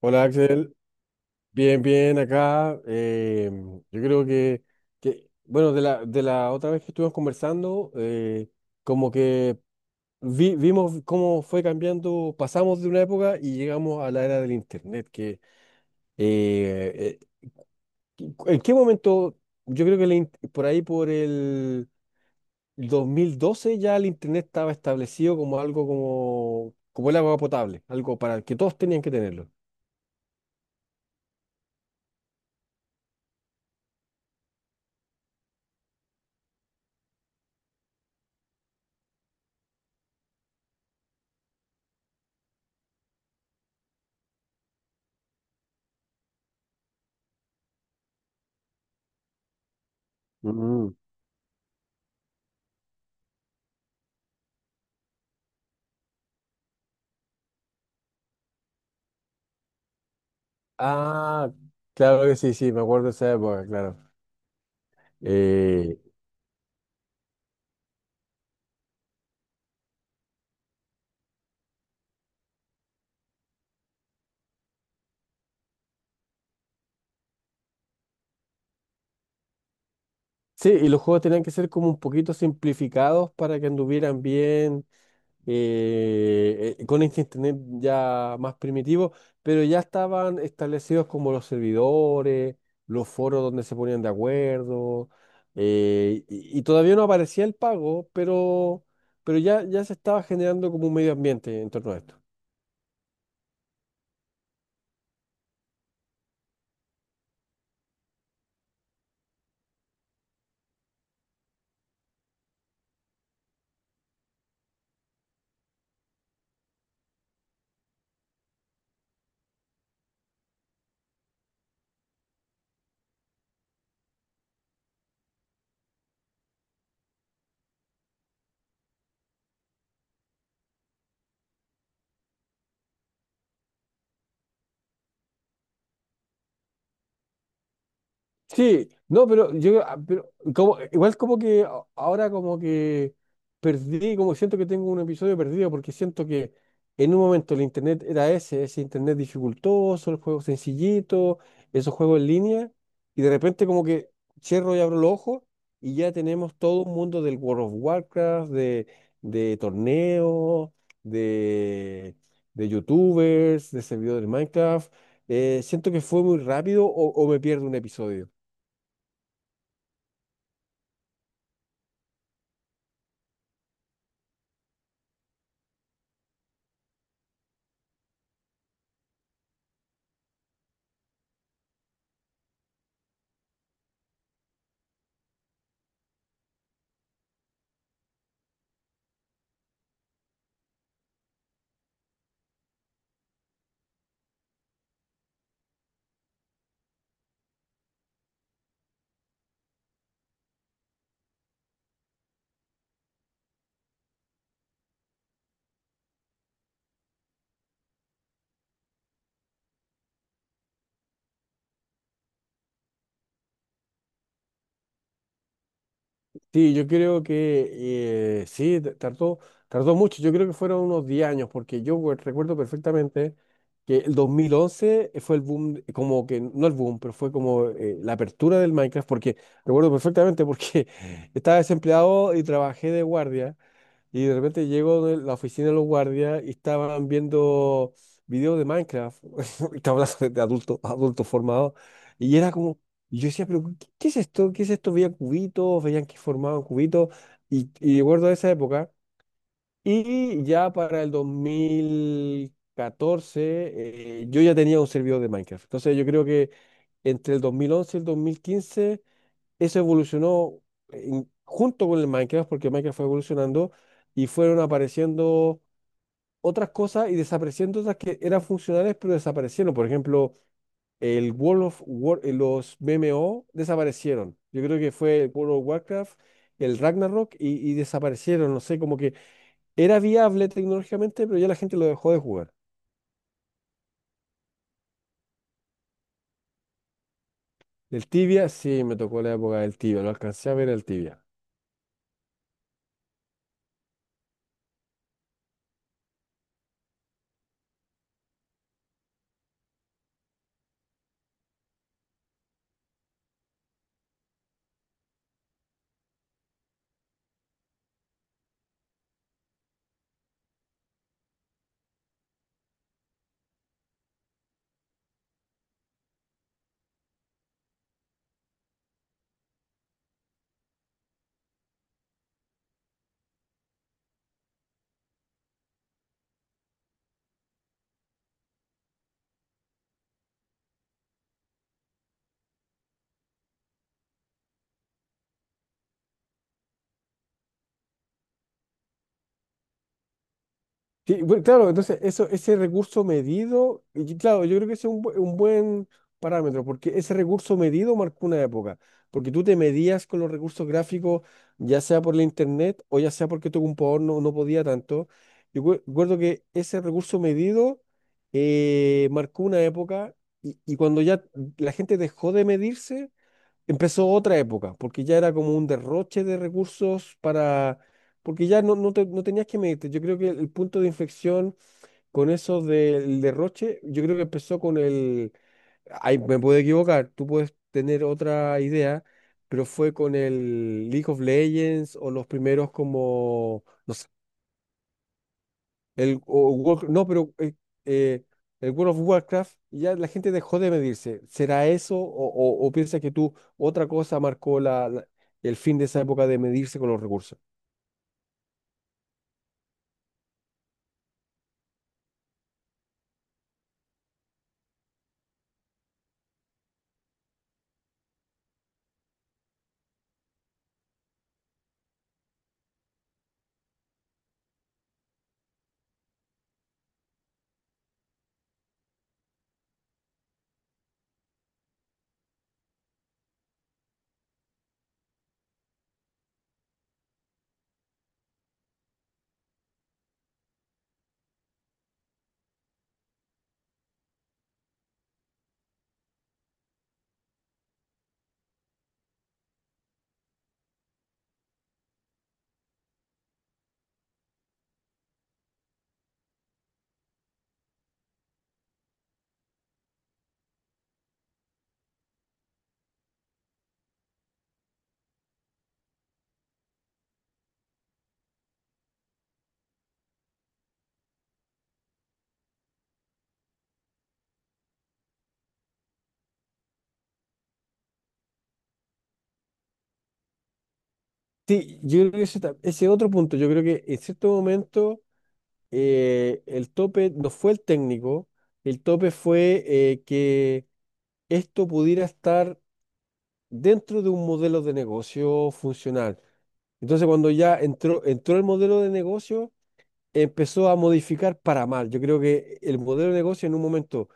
Hola Axel, bien, bien acá. Yo creo que, bueno, de la otra vez que estuvimos conversando. Como que vimos cómo fue cambiando. Pasamos de una época y llegamos a la era del Internet, que eh, ¿en qué momento? Yo creo que por ahí por el 2012 ya el Internet estaba establecido como algo como el agua potable, algo para el que todos tenían que tenerlo. Ah, claro que sí, sí, me acuerdo de esa época, claro. Eh, sí, y los juegos tenían que ser como un poquito simplificados para que anduvieran bien, con este internet ya más primitivo. Pero ya estaban establecidos como los servidores, los foros donde se ponían de acuerdo. Y todavía no aparecía el pago, pero, pero ya, se estaba generando como un medio ambiente en torno a esto. Sí, no, pero yo, pero como, igual como que ahora como que perdí, como siento que tengo un episodio perdido, porque siento que en un momento el internet era ese internet dificultoso, el juego sencillito, esos juegos en línea. Y de repente como que cierro y abro los ojos y ya tenemos todo un mundo del World of Warcraft, de torneos, de, de YouTubers, de servidores Minecraft. Siento que fue muy rápido o me pierdo un episodio. Sí, yo creo que sí, tardó mucho. Yo creo que fueron unos 10 años, porque yo recuerdo perfectamente que el 2011 fue el boom, como que, no el boom, pero fue como la apertura del Minecraft, porque recuerdo perfectamente porque estaba desempleado y trabajé de guardia. Y de repente llego de la oficina de los guardias y estaban viendo videos de Minecraft. Estaba hablando de adultos, adultos formados. Y era como, y yo decía, pero ¿qué es esto? ¿Qué es esto? Veía cubitos, veían que formaban cubitos. Y recuerdo esa época. Y ya para el 2014, yo ya tenía un servidor de Minecraft. Entonces yo creo que entre el 2011 y el 2015 eso evolucionó junto con el Minecraft, porque Minecraft fue evolucionando y fueron apareciendo otras cosas y desapareciendo otras que eran funcionales, pero desaparecieron. Por ejemplo, el World of War, los MMO desaparecieron. Yo creo que fue el World of Warcraft, el Ragnarok y desaparecieron. No sé, como que era viable tecnológicamente, pero ya la gente lo dejó de jugar. El Tibia, sí, me tocó la época del Tibia, lo alcancé a ver el Tibia. Sí, bueno, claro, entonces eso, ese recurso medido, y claro, yo creo que ese es un, un buen parámetro, porque ese recurso medido marcó una época, porque tú te medías con los recursos gráficos, ya sea por la internet o ya sea porque tu computador no podía tanto. Yo recuerdo que ese recurso medido marcó una época. Y cuando ya la gente dejó de medirse, empezó otra época, porque ya era como un derroche de recursos para, porque ya no tenías que medirte. Yo creo que el punto de inflexión con eso del derroche, yo creo que empezó con el, ay, me puedo equivocar, tú puedes tener otra idea, pero fue con el League of Legends o los primeros como, no sé no, pero eh, el World of Warcraft ya la gente dejó de medirse. ¿Será eso o piensa que tú otra cosa marcó el fin de esa época de medirse con los recursos? Sí, yo creo que ese otro punto, yo creo que en cierto momento el tope no fue el técnico, el tope fue que esto pudiera estar dentro de un modelo de negocio funcional. Entonces, cuando ya entró el modelo de negocio, empezó a modificar para mal. Yo creo que el modelo de negocio en un momento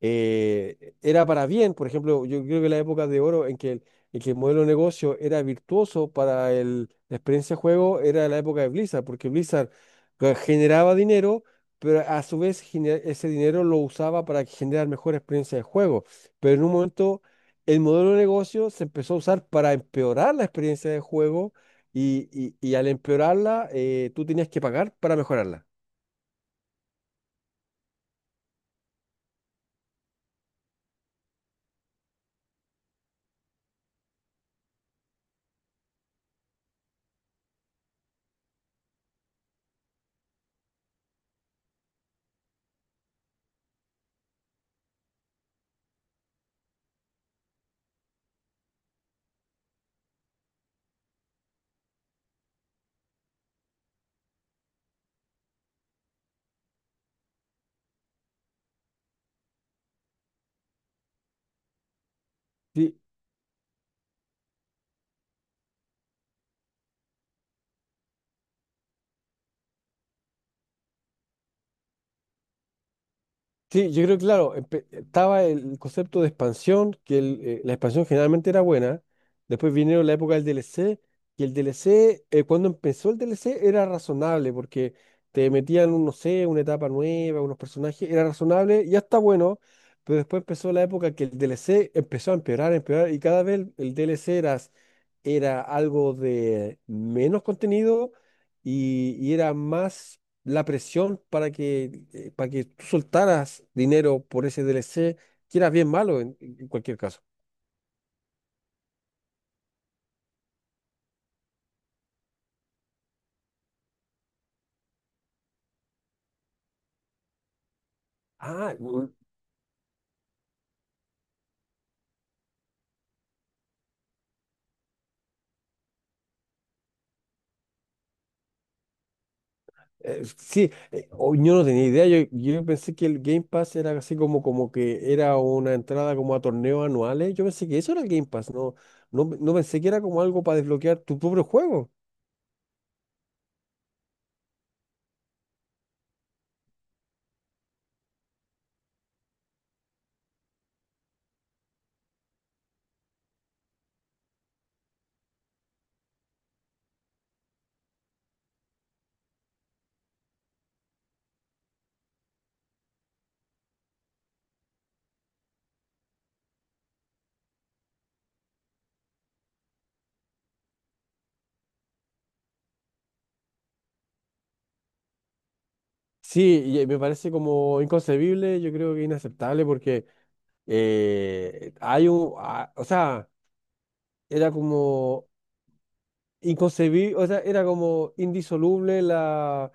era para bien. Por ejemplo, yo creo que la época de oro en que el modelo de negocio era virtuoso para la experiencia de juego era la época de Blizzard, porque Blizzard generaba dinero, pero a su vez ese dinero lo usaba para generar mejor experiencia de juego. Pero en un momento. El modelo de negocio se empezó a usar para empeorar la experiencia de juego y al empeorarla, tú tenías que pagar para mejorarla. Sí, sí, yo creo que, claro, estaba el concepto de expansión, que la expansión generalmente era buena. Después vinieron la época del DLC, y el DLC, cuando empezó el DLC, era razonable, porque te metían, un, no sé, una etapa nueva, unos personajes, era razonable, ya está bueno, pero después empezó la época que el DLC empezó a empeorar, empeorar, y cada vez el DLC era algo de menos contenido y era más la presión para que tú soltaras dinero por ese DLC, que era bien malo en cualquier caso. Ah, sí, oh, yo, no tenía idea. Yo pensé que el Game Pass era así como, como que era una entrada como a torneos anuales. Yo pensé que eso era el Game Pass. No, no, no pensé que era como algo para desbloquear tu propio juego. Sí, me parece como inconcebible, yo creo que inaceptable porque o sea, era como inconcebible. O sea, era como indisoluble la,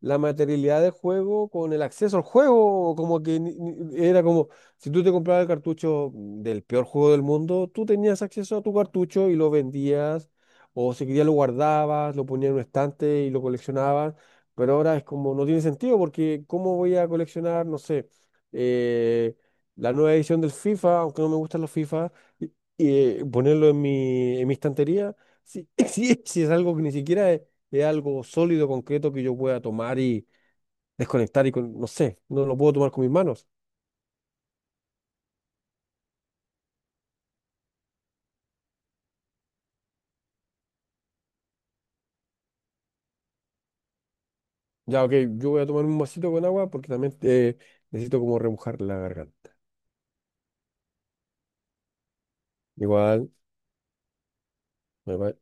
la materialidad del juego con el acceso al juego, como que era como, si tú te comprabas el cartucho del peor juego del mundo, tú tenías acceso a tu cartucho y lo vendías, o si querías lo guardabas, lo ponías en un estante y lo coleccionabas, pero ahora es como, no tiene sentido, porque ¿cómo voy a coleccionar, no sé, eh, la nueva edición del FIFA, aunque no me gustan los FIFA, y, y, ponerlo en mi estantería? Sí, sí, sí, es algo que ni siquiera es algo sólido, concreto que yo pueda tomar y desconectar y con, no sé, no lo puedo tomar con mis manos. Ya, ok, yo voy a tomar un vasito con agua porque también necesito como remojar la garganta. Igual, me va.